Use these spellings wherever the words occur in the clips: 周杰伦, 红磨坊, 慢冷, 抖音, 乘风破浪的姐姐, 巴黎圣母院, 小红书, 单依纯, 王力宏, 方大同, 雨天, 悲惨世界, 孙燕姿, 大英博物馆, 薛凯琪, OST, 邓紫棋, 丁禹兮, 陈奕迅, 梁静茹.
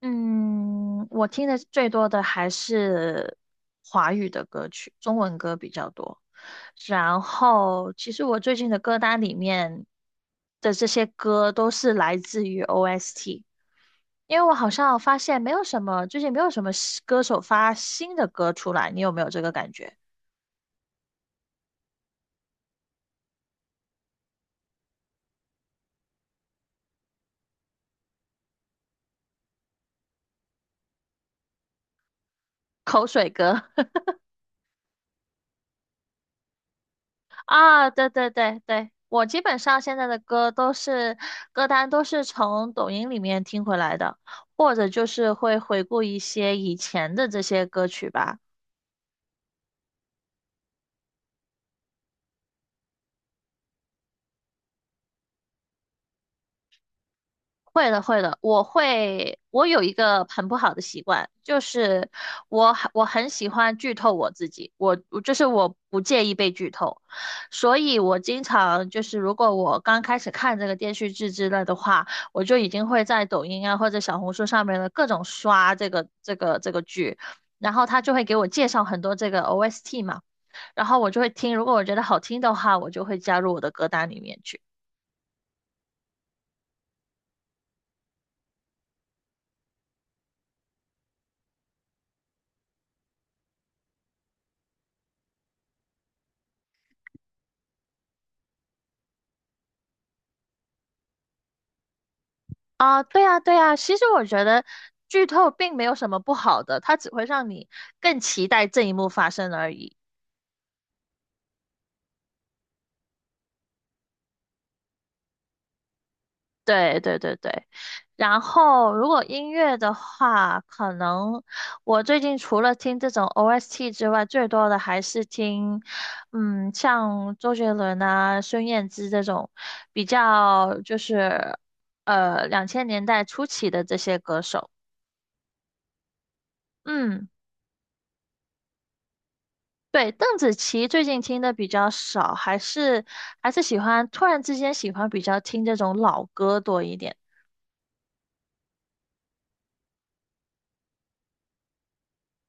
嗯，我听的最多的还是华语的歌曲，中文歌比较多。然后，其实我最近的歌单里面的这些歌都是来自于 OST，因为我好像发现没有什么，最近没有什么新歌手发新的歌出来，你有没有这个感觉？口水歌。啊，对对对对，我基本上现在的歌都是歌单都是从抖音里面听回来的，或者就是会回顾一些以前的这些歌曲吧。会的，会的，我会，我有一个很不好的习惯，就是我很喜欢剧透我自己，我就是我不介意被剧透，所以我经常就是如果我刚开始看这个电视剧之类的话，我就已经会在抖音啊或者小红书上面的各种刷这个剧，然后他就会给我介绍很多这个 OST 嘛，然后我就会听，如果我觉得好听的话，我就会加入我的歌单里面去。啊，对啊，对啊，其实我觉得剧透并没有什么不好的，它只会让你更期待这一幕发生而已。对对对对，然后如果音乐的话，可能我最近除了听这种 OST 之外，最多的还是听，像周杰伦啊、孙燕姿这种比较就是两千年代初期的这些歌手。嗯。对，邓紫棋最近听的比较少，还是喜欢突然之间喜欢比较听这种老歌多一点。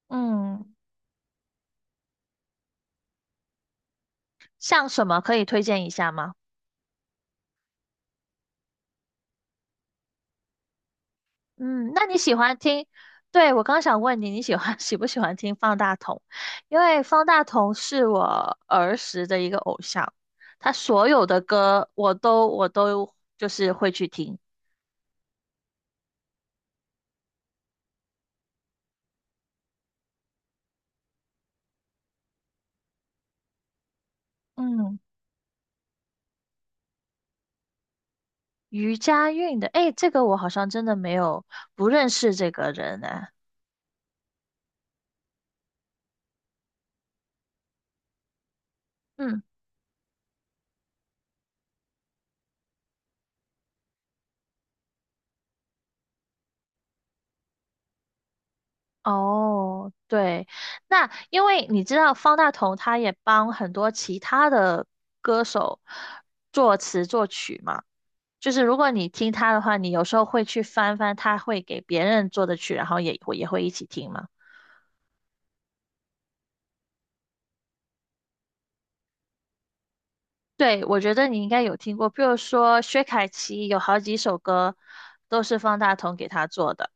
嗯，像什么可以推荐一下吗？嗯，那你喜欢听？对，我刚想问你，你喜欢 喜不喜欢听方大同？因为方大同是我儿时的一个偶像，他所有的歌我都就是会去听。嗯，余佳运的，诶，这个我好像真的没有不认识这个人呢。嗯。哦，对，那因为你知道方大同他也帮很多其他的歌手作词作曲嘛，就是如果你听他的话，你有时候会去翻翻他会给别人做的曲，然后也会一起听嘛。对，我觉得你应该有听过，比如说薛凯琪有好几首歌都是方大同给他做的。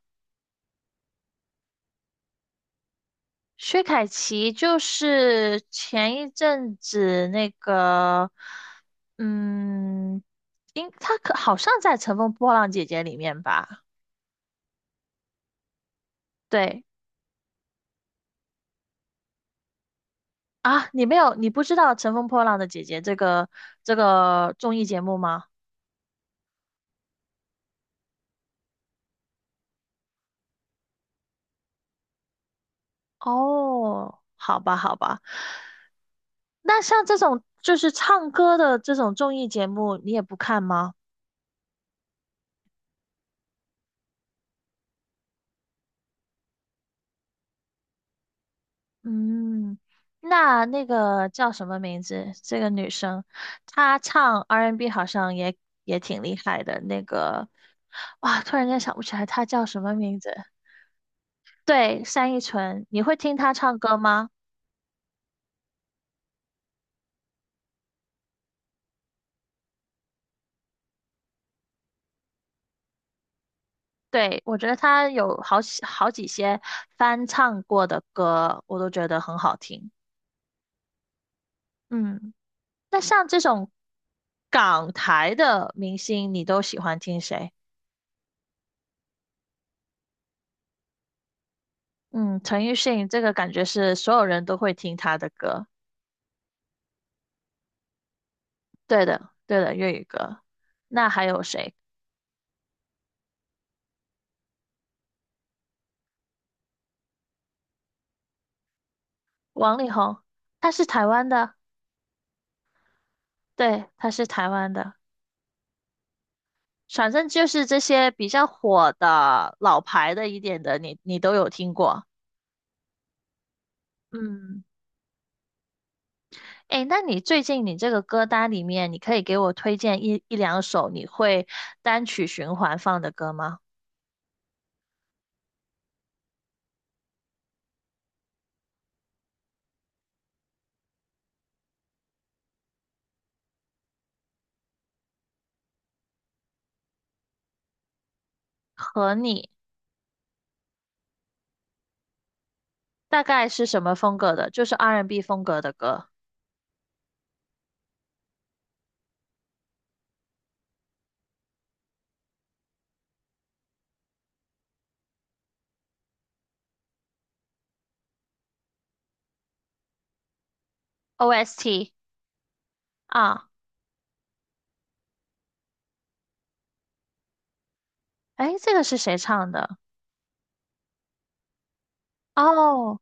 薛凯琪就是前一阵子那个，嗯，应她可好像在《乘风破浪姐姐》里面吧？对啊，你没有，你不知道《乘风破浪的姐姐》这个综艺节目吗？哦，好吧，好吧，那像这种就是唱歌的这种综艺节目，你也不看吗？嗯，那那个叫什么名字？这个女生，她唱 R&B N 好像也也挺厉害的。那个，哇，突然间想不起来她叫什么名字。对，单依纯，你会听她唱歌吗？对，我觉得她有好几些翻唱过的歌，我都觉得很好听。嗯，那像这种港台的明星，你都喜欢听谁？嗯，陈奕迅这个感觉是所有人都会听他的歌。对的，对的，粤语歌。那还有谁？王力宏，他是台湾的，对，他是台湾的。反正就是这些比较火的、老牌的一点的，你都有听过。嗯，诶，那你最近你这个歌单里面，你可以给我推荐一两首你会单曲循环放的歌吗？和你大概是什么风格的？就是 R&B 风格的歌，OST 啊。诶，这个是谁唱的？哦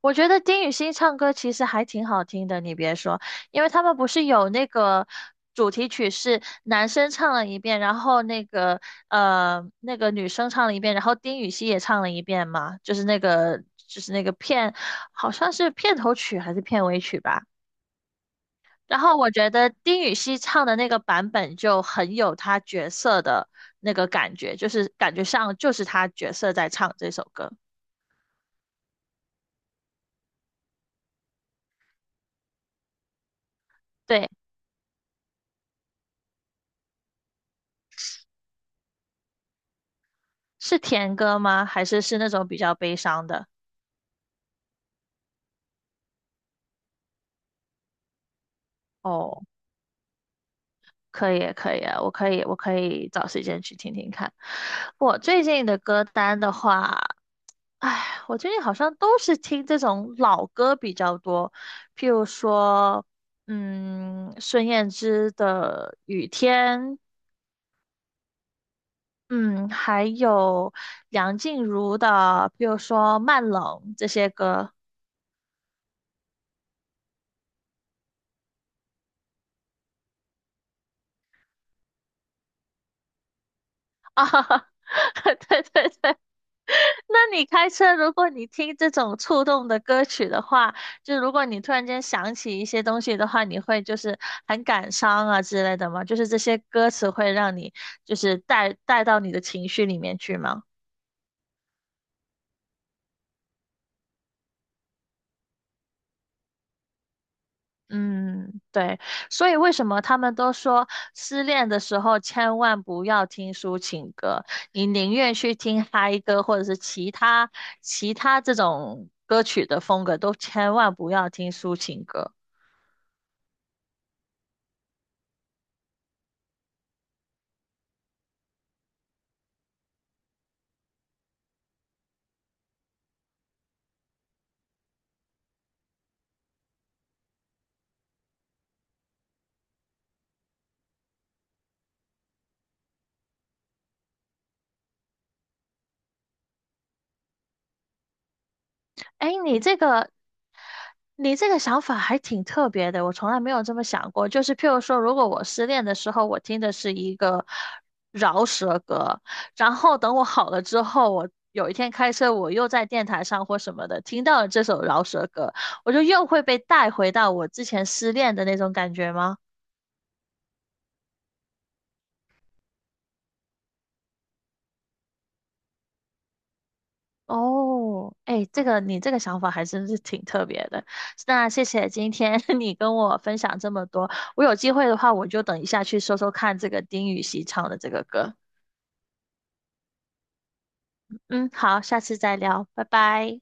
我觉得丁禹兮唱歌其实还挺好听的，你别说，因为他们不是有那个主题曲是男生唱了一遍，然后那个那个女生唱了一遍，然后丁禹兮也唱了一遍嘛，就是那个就是那个片，好像是片头曲还是片尾曲吧。然后我觉得丁禹兮唱的那个版本就很有他角色的那个感觉，就是感觉上就是他角色在唱这首歌。对。是甜歌吗？还是是那种比较悲伤的？哦，可以，可以啊，我可以，我可以找时间去听听看。我最近的歌单的话，唉，我最近好像都是听这种老歌比较多，譬如说，孙燕姿的《雨天》，嗯，还有梁静茹的，譬如说《慢冷》这些歌啊，对对对，那你开车，如果你听这种触动的歌曲的话，就如果你突然间想起一些东西的话，你会就是很感伤啊之类的吗？就是这些歌词会让你就是带到你的情绪里面去吗？嗯，对，所以为什么他们都说失恋的时候千万不要听抒情歌，你宁愿去听嗨歌或者是其他这种歌曲的风格，都千万不要听抒情歌。哎，你这个，你这个想法还挺特别的，我从来没有这么想过。就是譬如说，如果我失恋的时候，我听的是一个饶舌歌，然后等我好了之后，我有一天开车，我又在电台上或什么的听到了这首饶舌歌，我就又会被带回到我之前失恋的那种感觉吗？哦，哎，这个你这个想法还真是挺特别的。那谢谢今天 你跟我分享这么多，我有机会的话，我就等一下去搜搜看这个丁禹兮唱的这个歌。嗯，好，下次再聊，拜拜。